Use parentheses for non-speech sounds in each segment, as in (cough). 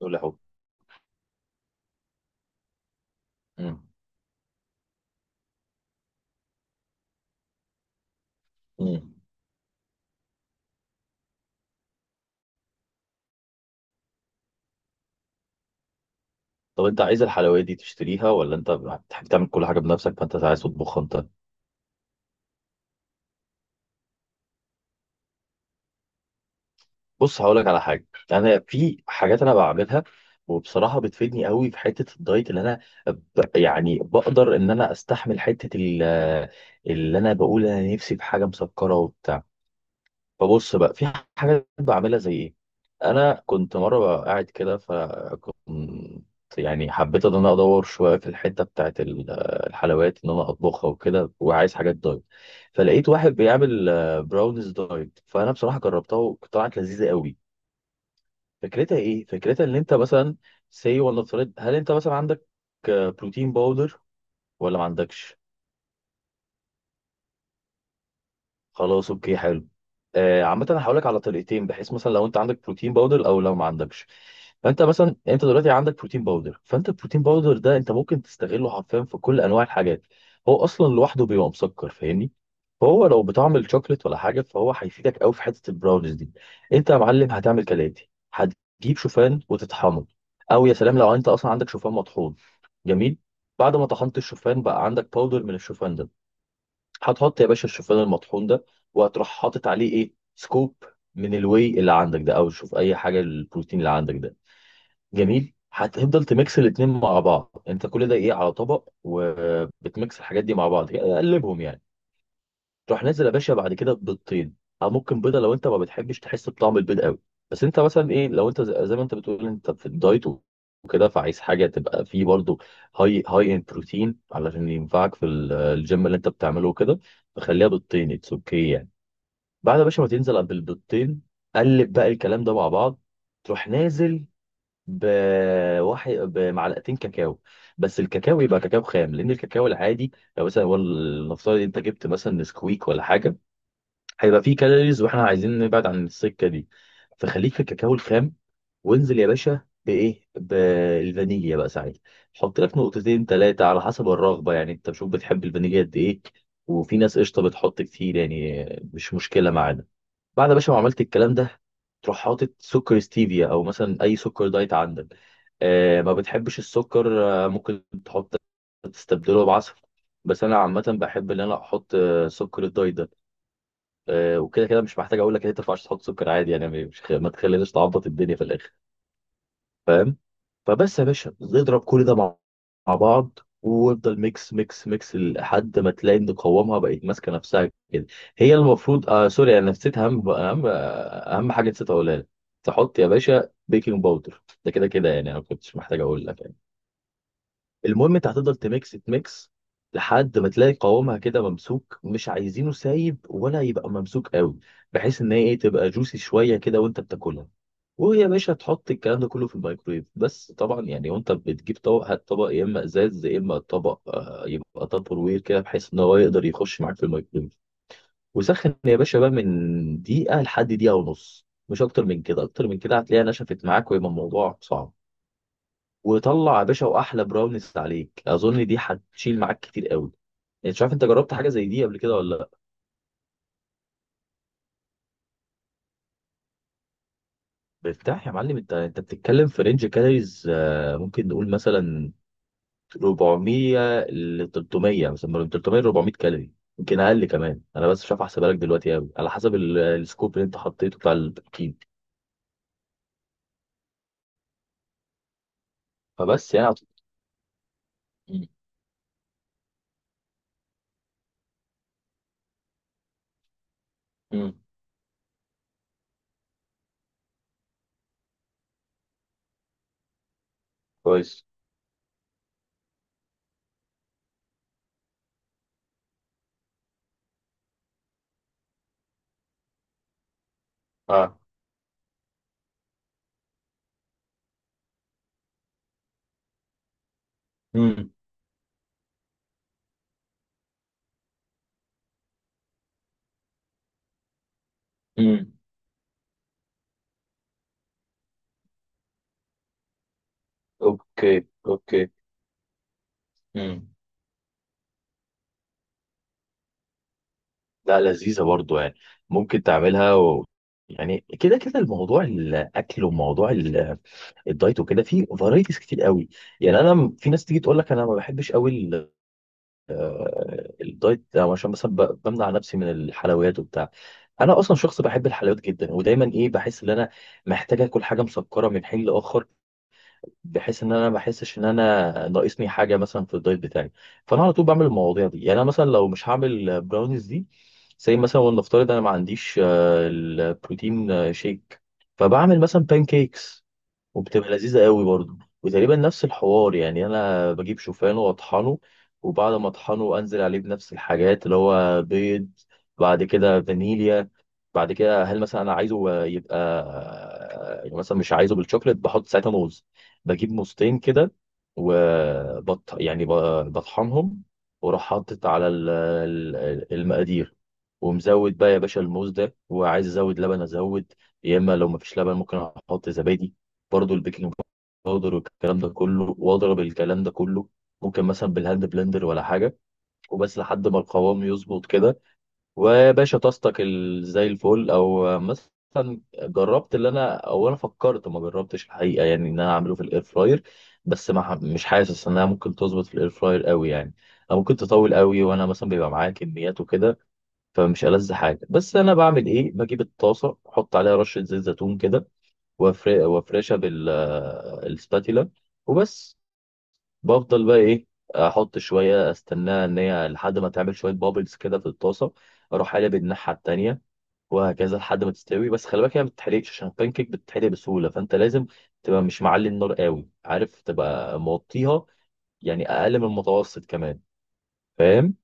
ولا حب. مم. مم. طب انت عايز الحلويات دي تشتريها ولا انت بتحب تعمل كل حاجه بنفسك؟ فانت عايز تطبخها انت؟ بص، هقول لك على حاجه. انا في حاجات انا بعملها، وبصراحه بتفيدني قوي في حته الدايت اللي انا ب... يعني بقدر ان انا استحمل حته اللي انا بقول انا نفسي في حاجه مسكره وبتاع. فبص بقى، في حاجات بعملها زي ايه. انا كنت مره بقى قاعد كده ف مم، يعني حبيت ان انا ادور شويه في الحته بتاعت الحلويات، ان انا اطبخها وكده، وعايز حاجات دايت. فلقيت واحد بيعمل براونيز دايت، فانا بصراحه جربتها وطلعت لذيذه قوي. فكرتها ايه؟ فكرتها ان انت مثلا سي، ولا افترض هل انت مثلا عندك بروتين باودر ولا ما عندكش؟ خلاص اوكي حلو. عامة انا هقول لك على طريقتين، بحيث مثلا لو انت عندك بروتين باودر او لو ما عندكش. فانت مثلا انت دلوقتي عندك بروتين باودر، فانت البروتين باودر ده انت ممكن تستغله حرفيا في كل انواع الحاجات. هو اصلا لوحده بيبقى مسكر، فاهمني؟ فهو لو بطعم الشوكليت ولا حاجة، فهو هيفيدك قوي في حتة البراونيز دي. انت يا معلم هتعمل كالاتي: هتجيب شوفان وتطحنه، او يا سلام لو انت اصلا عندك شوفان مطحون. جميل. بعد ما طحنت الشوفان بقى عندك باودر من الشوفان ده. هتحط يا باشا الشوفان المطحون ده، وهتروح حاطط عليه ايه؟ سكوب من الواي اللي عندك ده، او شوف اي حاجه، البروتين اللي عندك ده. جميل. هتفضل تميكس الاتنين مع بعض. انت كل ده ايه؟ على طبق، وبتميكس الحاجات دي مع بعض، قلبهم يعني. تروح نازل يا باشا بعد كده ببيضتين، او ممكن بيضه لو انت ما بتحبش تحس بطعم البيض قوي. بس انت مثلا ايه، لو انت زي ما انت بتقول انت في الدايت وكده، فعايز حاجه تبقى فيه برضو هاي ان بروتين علشان ينفعك في الجيم اللي انت بتعمله وكده، فخليها بيضتين، اتس اوكي يعني. بعد يا باشا ما تنزل بالبيضتين، قلب بقى الكلام ده مع بعض. تروح نازل بواحد بمعلقتين كاكاو، بس الكاكاو يبقى كاكاو خام، لان الكاكاو العادي، لو مثلا، والله نفترض انت جبت مثلا نسكويك ولا حاجه، هيبقى فيه كالوريز واحنا عايزين نبعد عن السكه دي. فخليك في الكاكاو الخام، وانزل يا باشا بايه؟ بالفانيليا بقى ساعتها. حط لك نقطتين ثلاثه على حسب الرغبه، يعني انت شوف بتحب الفانيليا قد ايه، وفي ناس قشطه بتحط كتير يعني، مش مشكله معانا. بعد يا باشا ما عملت الكلام ده، تروح حاطط سكر ستيفيا او مثلا اي سكر دايت عندك. ما بتحبش السكر؟ ممكن تحط، تستبدله بعسل. بس انا عامه بحب ان انا احط سكر الدايت ده. وكده كده مش محتاج اقول لك ان انت ما ينفعش تحط سكر عادي، يعني مش خ- ما تخليناش تعبط الدنيا في الاخر، فاهم؟ فبس يا باشا، نضرب كل ده مع بعض، وافضل ميكس ميكس ميكس لحد ما تلاقي ان قوامها بقت ماسكه نفسها كده. هي المفروض سوري، انا نسيت اهم اهم اهم حاجه نسيت اقولها لك: تحط يا باشا بيكنج باودر، ده كده كده يعني انا ما كنتش محتاج اقول لك يعني. المهم انت هتفضل تميكس تميكس لحد ما تلاقي قوامها كده ممسوك، مش عايزينه سايب ولا يبقى ممسوك قوي، بحيث ان هي ايه، تبقى جوسي شويه كده وانت بتاكلها. وهي يا باشا، تحط الكلام ده كله في الميكرويف، بس طبعا يعني، وانت بتجيب طبق، هات طبق يا اما ازاز يا اما طبق يبقى تابر وير كده، بحيث ان هو يقدر يخش معاك في الميكرويف. وسخن يا باشا بقى من دقيقه لحد دقيقه ونص، مش اكتر من كده، اكتر من كده هتلاقيها نشفت معاك ويبقى الموضوع صعب. وطلع يا باشا واحلى براونيز عليك. اظن دي هتشيل معاك كتير قوي. انت مش عارف، انت جربت حاجه زي دي قبل كده ولا لا؟ بيرتاح يا معلم، انت بتتكلم في رينج كالوريز، ممكن نقول مثلا 400 ل 300، مثلا من 300 ل 400 كالوري. يمكن اقل كمان، انا بس مش عارف احسبها لك دلوقتي قوي على حسب السكوب اللي انت حطيته بتاع البروتين. فبس يعني مم. مم. كويس. اه. مم. مم. اوكي اوكي. مم. لا لذيذة برضو يعني، ممكن تعملها يعني كده كده الموضوع الاكل وموضوع الدايت وكده، فيه فرايتيز كتير قوي يعني. انا في ناس تيجي تقول لك انا ما بحبش قوي الدايت ده عشان مثلا بمنع نفسي من الحلويات وبتاع. انا اصلا شخص بحب الحلويات جدا، ودايما ايه، بحس ان انا محتاج اكل حاجه مسكره من حين لاخر، بحيث ان انا ما بحسش ان انا ناقصني حاجه مثلا في الدايت بتاعي. فانا على طول بعمل المواضيع دي. يعني انا مثلا لو مش هعمل براونيز دي، زي مثلا، ولنفترض انا ما عنديش البروتين شيك، فبعمل مثلا بان كيكس، وبتبقى لذيذة قوي برضو. وتقريبا نفس الحوار، يعني انا بجيب شوفان واطحنه، وبعد ما اطحنه انزل عليه بنفس الحاجات، اللي هو بيض، بعد كده فانيليا، بعد كده هل مثلا انا عايزه يبقى، يعني مثلا مش عايزه بالشوكليت، بحط ساعتها موز، بجيب موزتين كده وبط يعني ب- بطحنهم. واروح حاطط على المقادير، ومزود بقى يا باشا الموز ده، وعايز ازود لبن ازود، يا اما لو مفيش لبن ممكن احط زبادي. برضو البيكنج باودر والكلام ده كله. واضرب الكلام ده كله ممكن مثلا بالهاند بلندر ولا حاجه، وبس لحد ما القوام يظبط كده. ويا باشا طاستك زي الفل. او مثلا جربت اللي انا، او انا فكرت ما جربتش الحقيقه، يعني ان انا اعمله في الاير فراير، بس ما ح- مش حاسس انها ممكن تظبط في الاير فراير قوي يعني، او ممكن تطول قوي، وانا مثلا بيبقى معايا كميات وكده، فمش ألذ حاجه. بس انا بعمل ايه؟ بجيب الطاسه، احط عليها رشه زيت زيتون كده وافرشها بالسباتيلا، وبس. بفضل بقى ايه، احط شويه، استناها ان هي لحد ما تعمل شويه بابلز كده في الطاسه، اروح قلب الناحيه التانيه، وهكذا لحد ما تستوي. بس خلي بالك هي ما بتتحرقش، عشان البانكيك بتتحرق بسهوله، فانت لازم تبقى مش معلي النار قوي، عارف، تبقى موطيها، يعني اقل من المتوسط كمان، فاهم؟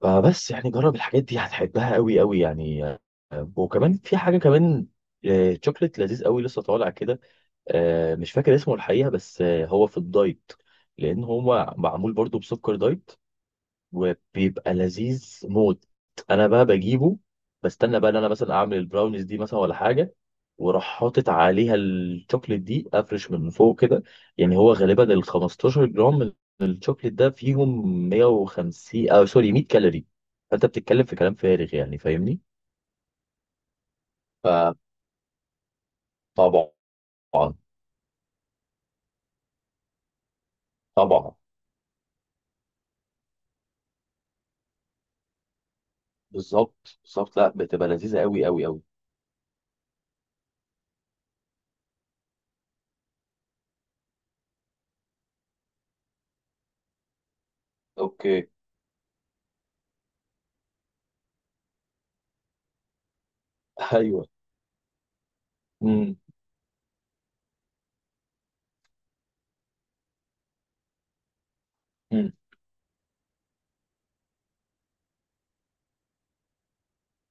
فبس يعني جرب الحاجات دي هتحبها قوي قوي يعني. وكمان في حاجه كمان، شوكليت لذيذ قوي لسه طالع كده. مش فاكر اسمه الحقيقة بس، هو في الدايت، لأن هو معمول برضو بسكر دايت، وبيبقى لذيذ موت. أنا بقى بجيبه، بستنى بقى إن أنا مثلا أعمل البراونيز دي مثلا ولا حاجة، وراح حاطط عليها الشوكليت دي، أفرش من فوق كده. يعني هو غالبا ال 15 جرام من الشوكليت ده فيهم 150، أو سوري 100 كالوري. فأنت بتتكلم في كلام فارغ يعني، فاهمني؟ فطبعا طبعا. بالظبط بالظبط، لا بتبقى لذيذة أوي أوي أوي. اوكي. ايوه. امم. امم.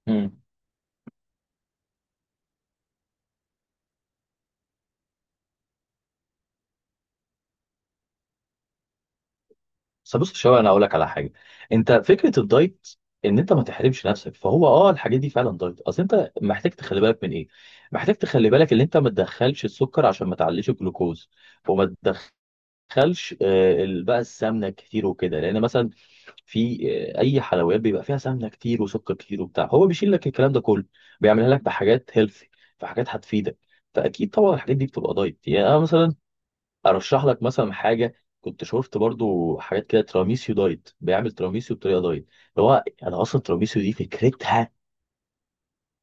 امم. بس بص شويه، انا اقول لك على حاجه. انت، فكره الدايت ان انت ما تحرمش نفسك، فهو الحاجات دي فعلا دايت. اصل انت محتاج تخلي بالك من ايه؟ محتاج تخلي بالك ان انت ما تدخلش السكر عشان ما تعليش الجلوكوز، وما تدخلش بقى السمنه كتير وكده، لان مثلا في اي حلويات بيبقى فيها سمنه كتير وسكر كتير وبتاع، هو بيشيل لك الكلام ده كله، بيعملها لك بحاجات هيلثي، فحاجات هتفيدك. فاكيد طبعا الحاجات دي بتبقى دايت. يعني أنا مثلا ارشح لك مثلا حاجه، كنت شفت برضو حاجات كده تراميسيو دايت. بيعمل تراميسيو بطريقه دايت، اللي هو انا اصلا تراميسيو دي فكرتها،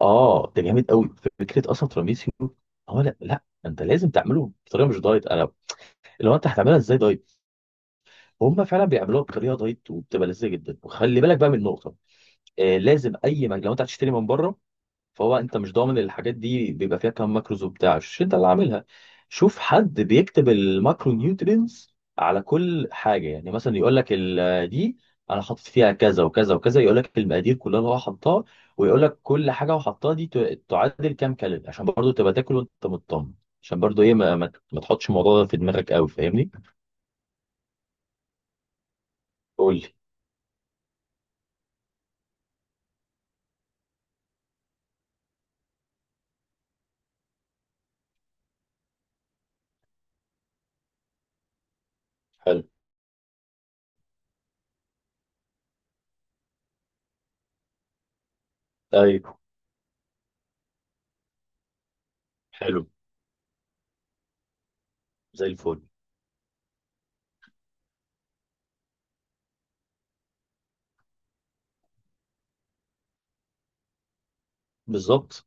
اه ده جامد قوي. فكره اصلا تراميسيو، هو لا لا، انت لازم تعمله بطريقه مش دايت، انا اللي هو انت هتعملها ازاي دايت؟ هم فعلا بيعملوها بطريقه دايت وبتبقى لذيذه جدا. وخلي بالك بقى من نقطه: لازم اي مكان لو انت هتشتري من بره، فهو انت مش ضامن الحاجات دي بيبقى فيها كام ماكروز وبتاع، مش انت اللي عاملها. شوف حد بيكتب الماكرو نيوترينز على كل حاجه، يعني مثلا يقول لك دي انا حاطط فيها كذا وكذا وكذا، يقول لك المقادير كلها اللي هو حطها، ويقول لك كل حاجه هو حطها دي تعادل كام كالوري، عشان برضو تبقى تاكل وانت مطمن، عشان برضو ايه ما تحطش الموضوع ده في دماغك قوي، فاهمني؟ قول لي. حلو. ايوه. حلو. زي الفل. بالظبط.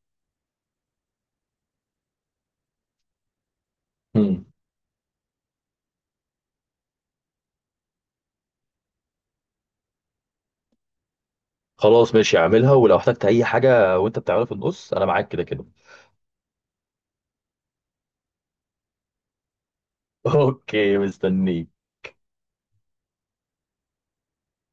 مم. خلاص ماشي، اعملها، ولو احتجت اي حاجه وانت بتعملها في النص انا معاك كده كده. (laughs) اوكي مستنيك.